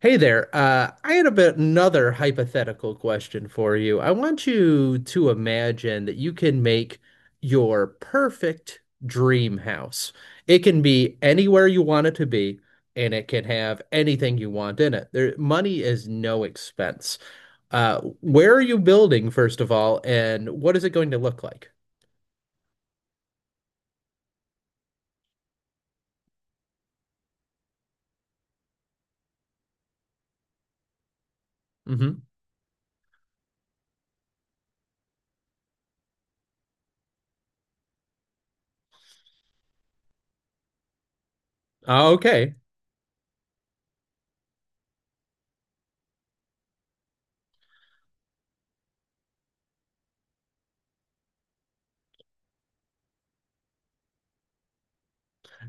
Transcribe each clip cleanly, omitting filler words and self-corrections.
Hey there. I had a bit another hypothetical question for you. I want you to imagine that you can make your perfect dream house. It can be anywhere you want it to be, and it can have anything you want in it. There, money is no expense. Where are you building, first of all, and what is it going to look like? Hmm. Okay.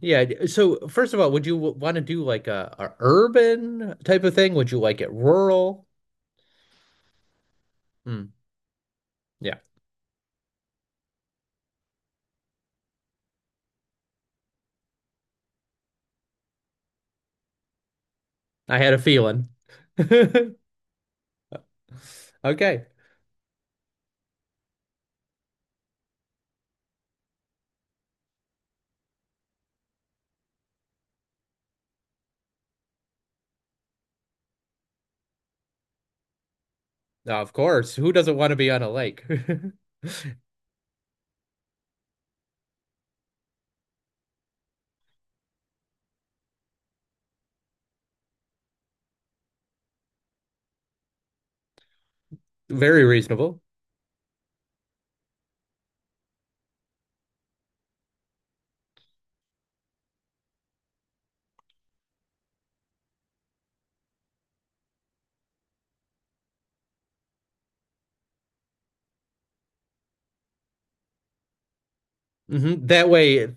Yeah. So, first of all, would you want to do like a urban type of thing? Would you like it rural? Yeah, I had a feeling. Okay. Of course. Who doesn't want to be on a lake? Very reasonable. Hmm. That way,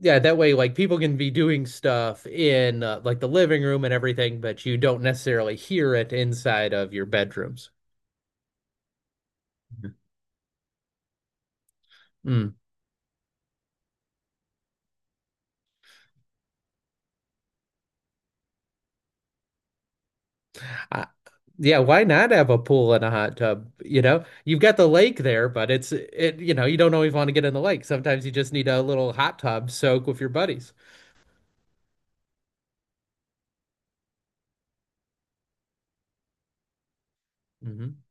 yeah, that way, like people can be doing stuff in like the living room and everything, but you don't necessarily hear it inside of your bedrooms. Mhm. Mm. Uh, yeah, why not have a pool and a hot tub? You know, you've got the lake there, but it's it, you know, you don't always want to get in the lake. Sometimes you just need a little hot tub soak with your buddies. Mhm.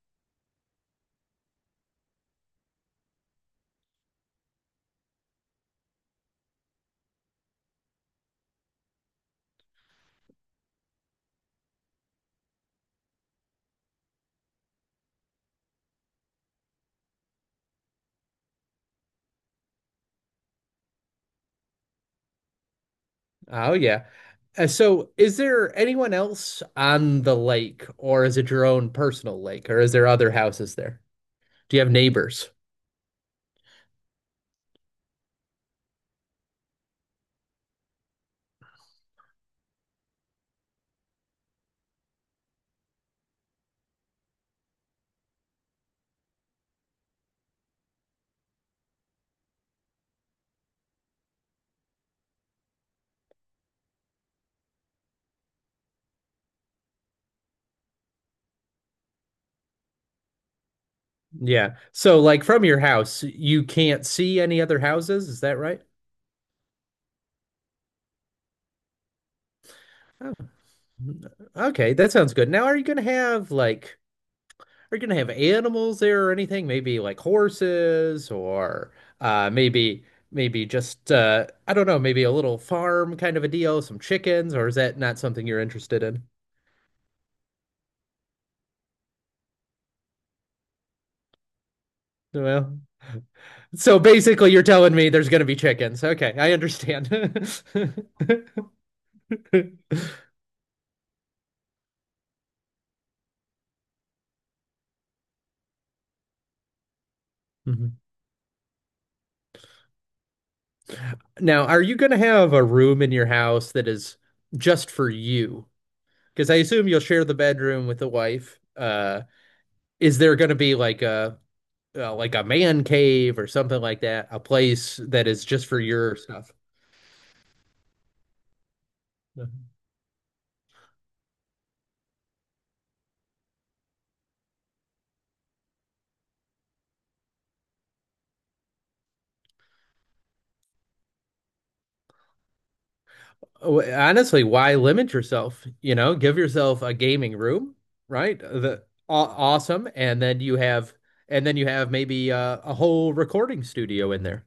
Oh yeah. So is there anyone else on the lake, or is it your own personal lake, or is there other houses there? Do you have neighbors? Yeah. So like from your house, you can't see any other houses, is that right? Oh, okay, that sounds good. Now, are you gonna have animals there or anything? Maybe like horses or uh maybe maybe just I don't know, maybe a little farm kind of a deal, some chickens, or is that not something you're interested in? Well. So basically, you're telling me there's going to be chickens. Okay, I understand. Mhm. Now, are you going to have a room in your house that is just for you? Because I assume you'll share the bedroom with the wife. Is there going to be like a man cave or something like that? A place that is just for your stuff? Oh, honestly, why limit yourself? You know, give yourself a gaming room, right? The aw Awesome, and and then you have maybe a whole recording studio in there.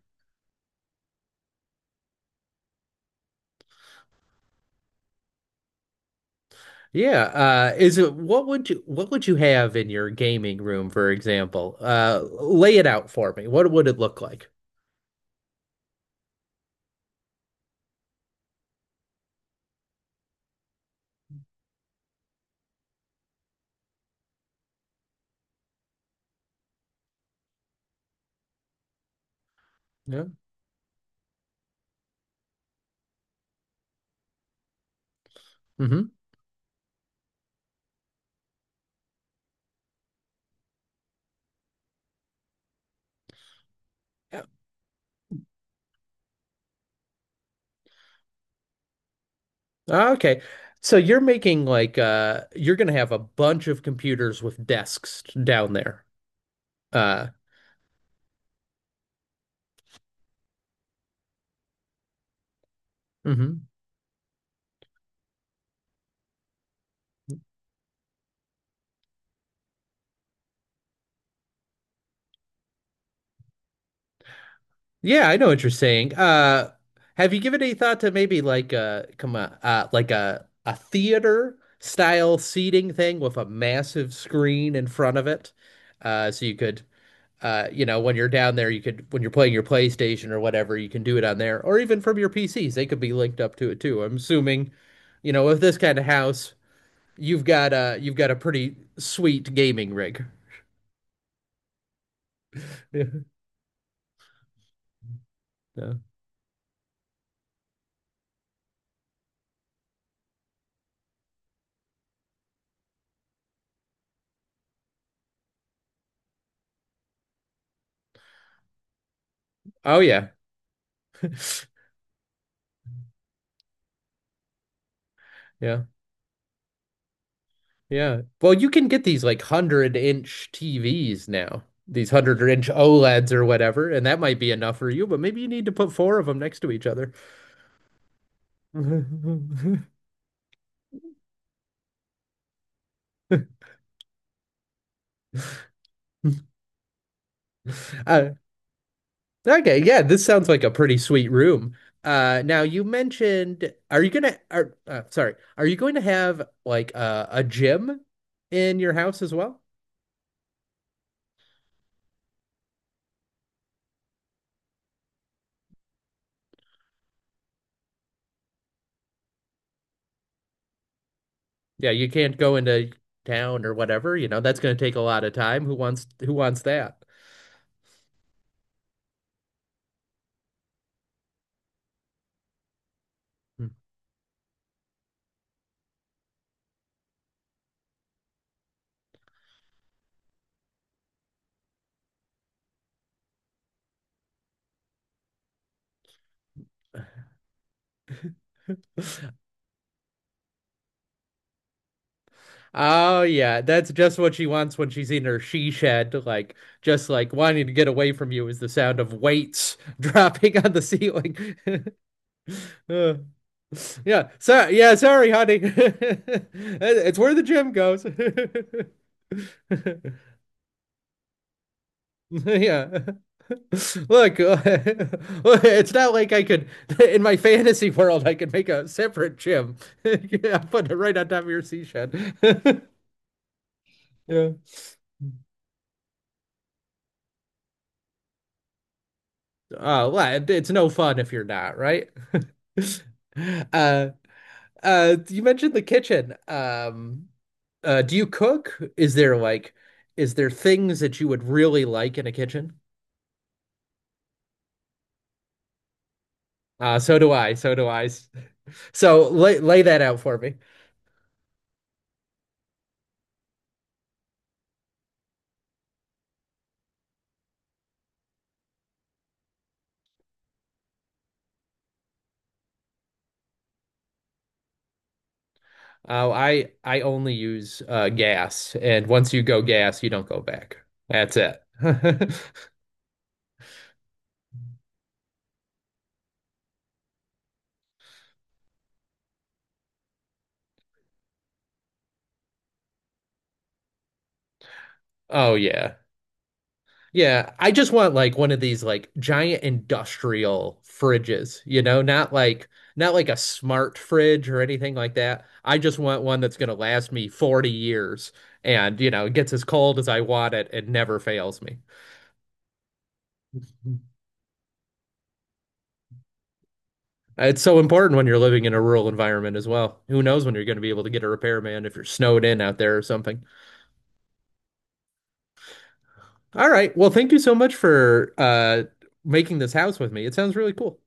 Yeah, is it what would you have in your gaming room, for example? Lay it out for me. What would it look like? Yeah. Hmm. Okay. So you're making like you're gonna have a bunch of computers with desks down there. Uh, mhm. Yeah, I know what you're saying. Have you given any thought to maybe like a come on, like a theater style seating thing with a massive screen in front of it, so you know, when you're down there, you could when you're playing your PlayStation or whatever, you can do it on there, or even from your PCs, they could be linked up to it too. I'm assuming, you know, with this kind of house, you've got a pretty sweet gaming rig. Yeah. Oh yeah. Yeah. Yeah. Well, you can get these like 100-inch TVs now, these 100-inch OLEDs or whatever, and that might be enough for you, but maybe you need to put four of them next to each other. Uh, okay. Yeah. This sounds like a pretty sweet room. Now you mentioned, are you gonna, are, sorry, are you going to have like a gym in your house as well? Yeah. You can't go into town or whatever, you know, that's going to take a lot of time. Who wants that? Oh yeah, that's just what she wants when she's in her she shed, like just like wanting to get away from you is the sound of weights dropping on the ceiling. Uh, yeah, so yeah, sorry, honey. It's where the gym goes. Yeah. Look, it's not like I could in my fantasy world I could make a separate gym. Yeah, put it right on top of your sea shed. Yeah. Well, it's no fun if you're not, right? Uh, you mentioned the kitchen. Do you cook? Is there like, is there things that you would really like in a kitchen? So do I. So lay that out for me. I only use gas, and once you go gas, you don't go back. That's it. Oh yeah. Yeah, I just want like one of these like giant industrial fridges, you know, not like a smart fridge or anything like that. I just want one that's gonna last me 40 years and, you know, it gets as cold as I want it and never fails me. It's so important when you're living in a rural environment as well. Who knows when you're going to be able to get a repairman if you're snowed in out there or something. All right. Well, thank you so much for making this house with me. It sounds really cool.